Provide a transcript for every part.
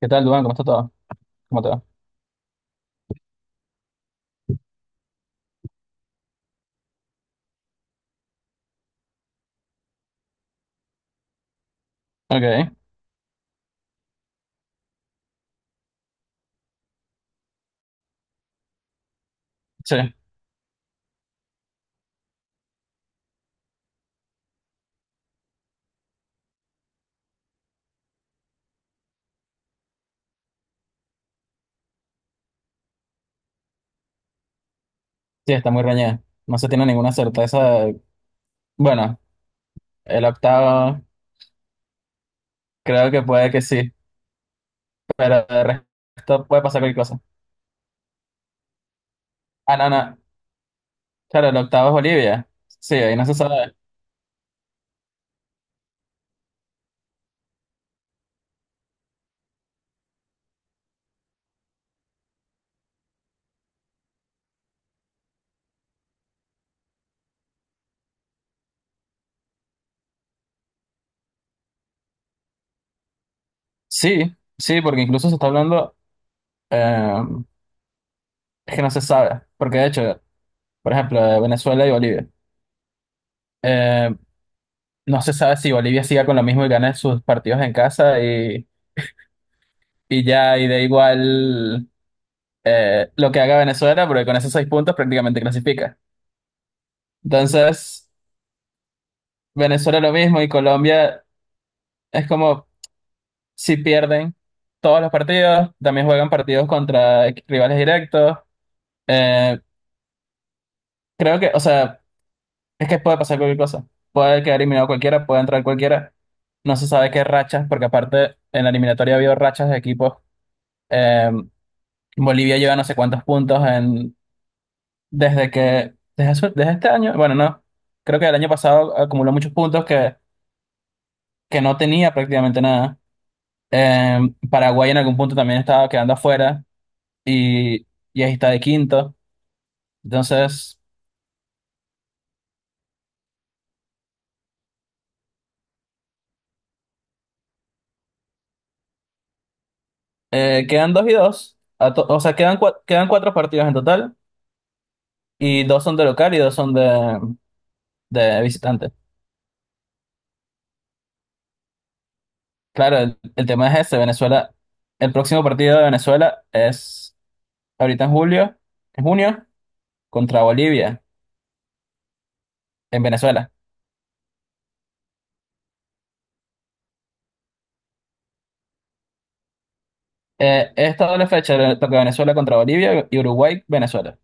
¿Qué tal, Duan? ¿Cómo está todo? ¿Cómo te va? Ok, sí, sí, está muy reñida. No se tiene ninguna certeza. Bueno, el octavo creo que puede que sí, pero de resto puede pasar cualquier cosa. Ah, no, no, claro, el octavo es Bolivia. Sí, ahí no se sabe. Sí, sí, porque incluso se está hablando eh, es que no se sabe, porque de hecho, por ejemplo, de Venezuela y Bolivia. eh, no se sabe si Bolivia siga con lo mismo y gane sus partidos en casa y ya, y da igual lo que haga Venezuela, porque con esos seis puntos prácticamente clasifica. Entonces, Venezuela lo mismo y Colombia es como si pierden todos los partidos, también juegan partidos contra rivales directos. Eh, Creo que, o sea, es que puede pasar cualquier cosa. Puede quedar eliminado cualquiera, puede entrar cualquiera. No se sabe qué rachas, porque aparte en la eliminatoria ha habido rachas de equipos. Eh, Bolivia lleva no sé cuántos puntos en, desde que, desde, su- desde este año, bueno, no. Creo que el año pasado acumuló muchos puntos que no tenía prácticamente nada. Eh, Paraguay en algún punto también estaba quedando afuera y, y ahí está de quinto. Entonces, quedan dos y dos. O sea, quedan cuatro partidos en total y dos son de local y dos son de visitante. Claro, el tema es ese, Venezuela. El próximo partido de Venezuela es ahorita en julio, en junio, contra Bolivia, en Venezuela. Esta doble fecha le toca Venezuela contra Bolivia y Uruguay, Venezuela,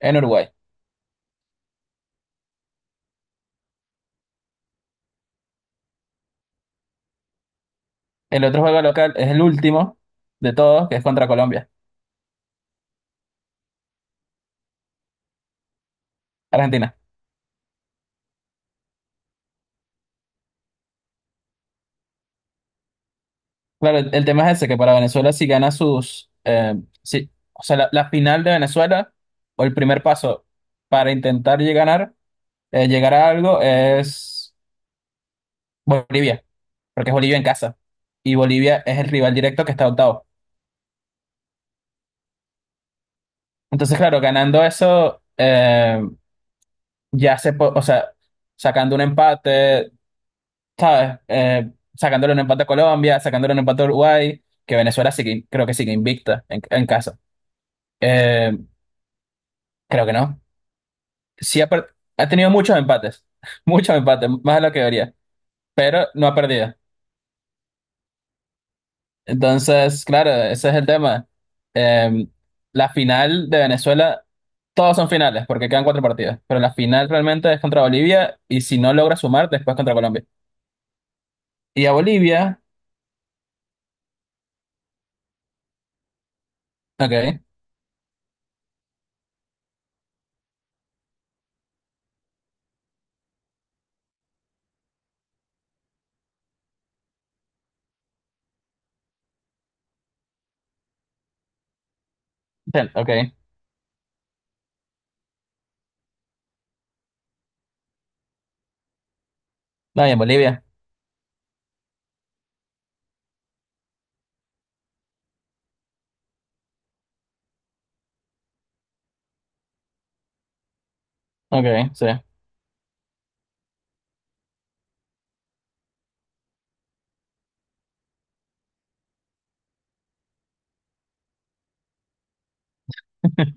en Uruguay. El otro juego local es el último de todos, que es contra Colombia, Argentina. Claro, el tema es ese, que para Venezuela si gana sus... o sea, la final de Venezuela, o el primer paso para intentar llegar, a ganar, llegar a algo es Bolivia, porque es Bolivia en casa. Y Bolivia es el rival directo que está octavo. Entonces, claro, ganando eso, o sea, sacando un empate, ¿sabes? Sacándole un empate a Colombia, sacándole un empate a Uruguay, que Venezuela sí que, creo que sigue invicta en casa. Eh, Creo que no. Sí ha tenido muchos empates, muchos empates, más de lo que debería, pero no ha perdido. Entonces, claro, ese es el tema. Eh, la final de Venezuela, todos son finales, porque quedan cuatro partidos, pero la final realmente es contra Bolivia y si no logra sumar, después contra Colombia. Y a Bolivia, ok, ok, no, y en Bolivia, ok, sí.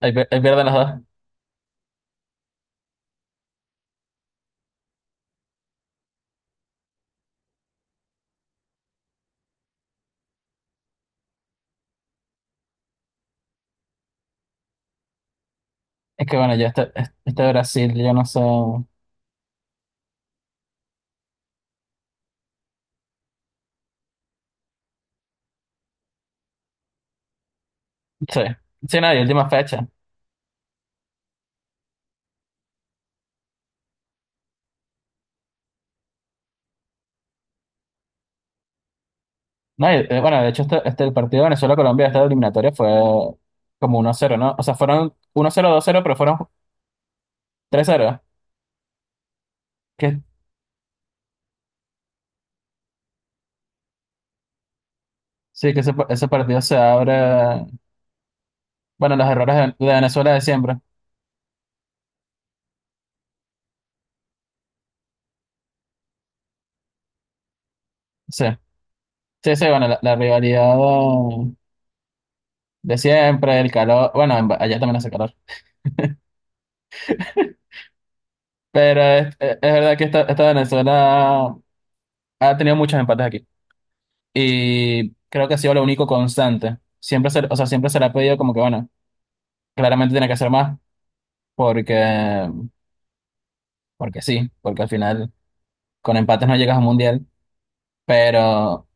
Ahí pierden las dos. Es que bueno, ya este Brasil, yo no sé. Sí, sí, nadie, última fecha. No, y, bueno, de hecho, este el partido de Venezuela-Colombia, esta eliminatoria fue como 1 cero, ¿no? O sea, fueron uno cero dos cero pero fueron tres 0. Que, sí, que ese partido se abre. Bueno, los errores de Venezuela de siempre. Sí, sí, sí, bueno, la rivalidad de siempre, el calor. Bueno, allá también hace calor. Pero es verdad que esta Venezuela ha tenido muchos empates aquí. Y creo que ha sido lo único constante. Siempre se, o sea, siempre se le ha pedido como que, bueno, claramente tiene que hacer más porque, porque sí, porque al final con empates no llegas a un mundial. Pero,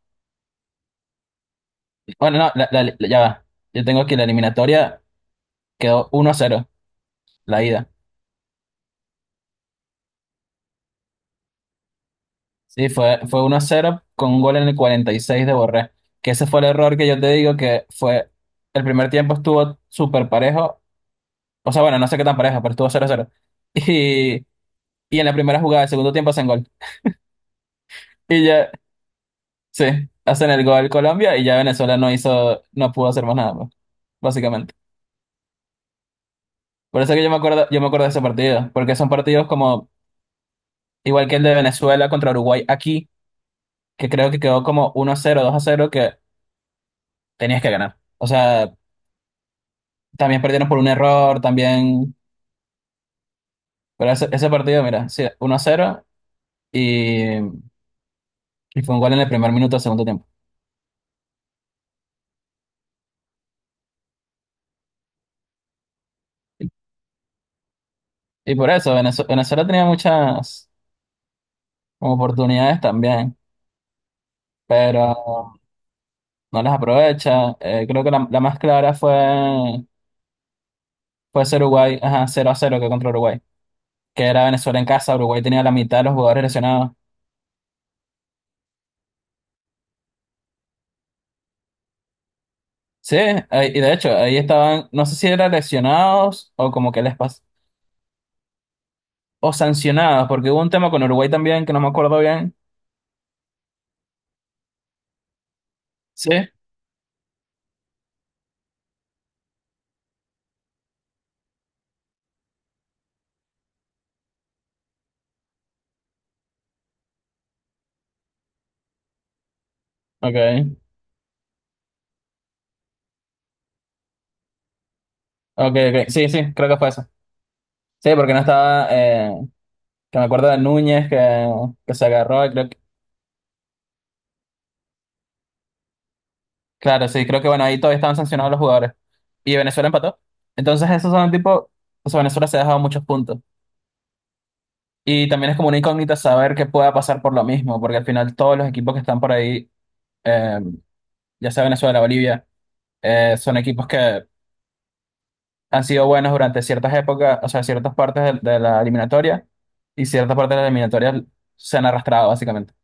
bueno, no, ya va. Yo tengo aquí la eliminatoria, quedó 1-0 la ida. Sí, fue 1-0 con un gol en el 46 de Borré. Que ese fue el error que yo te digo que fue, el primer tiempo estuvo súper parejo. O sea, bueno, no sé qué tan parejo, pero estuvo 0-0. Y, y en la primera jugada del segundo tiempo hacen gol. Y ya. Sí, hacen el gol Colombia y ya Venezuela no hizo, no pudo hacer más nada, pues, básicamente. Por eso que yo me acuerdo de ese partido, porque son partidos como, igual que el de Venezuela contra Uruguay aquí, que creo que quedó como 1-0, 2-0, que tenías que ganar. O sea, también perdieron por un error, también, pero ese partido, mira, sí, 1-0 y fue un gol en el primer minuto del segundo tiempo. Y, y por eso, Venezuela tenía muchas como oportunidades también, pero... No las aprovecha. Creo que la más clara fue, ese Uruguay, ajá, 0-0 que contra Uruguay, que era Venezuela en casa. Uruguay tenía la mitad de los jugadores lesionados. Sí, y de hecho, ahí estaban, no sé si eran lesionados o como que les pasó, o sancionados, porque hubo un tema con Uruguay también que no me acuerdo bien. Sí, ok, ok, ok, sí, sí, creo que fue eso. Sí, porque no estaba, que me acuerdo de Núñez que se agarró, y creo. Claro, sí, creo que bueno, ahí todavía estaban sancionados los jugadores. Y Venezuela empató. Entonces, esos son tipo, o sea, Venezuela se ha dejado muchos puntos. Y también es como una incógnita saber qué pueda pasar por lo mismo, porque al final todos los equipos que están por ahí, eh, ya sea Venezuela, Bolivia, son equipos que han sido buenos durante ciertas épocas, o sea, ciertas partes de la eliminatoria, y ciertas partes de la eliminatoria se han arrastrado, básicamente.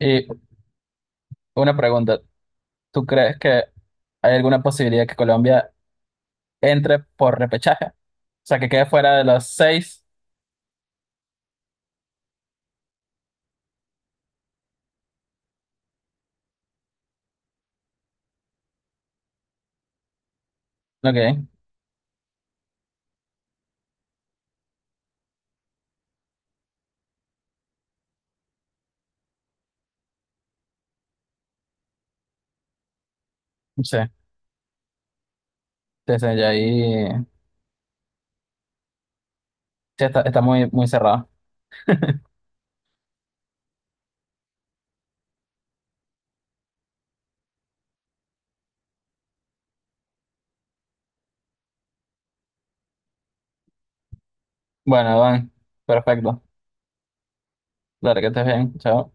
Y una pregunta, ¿tú crees que hay alguna posibilidad que Colombia entre por repechaje? O sea, que quede fuera de los seis. Ok, sí, sí, sí, ya ahí sí, está muy, muy cerrado. Bueno, Iván, perfecto. Claro que estés bien, chao.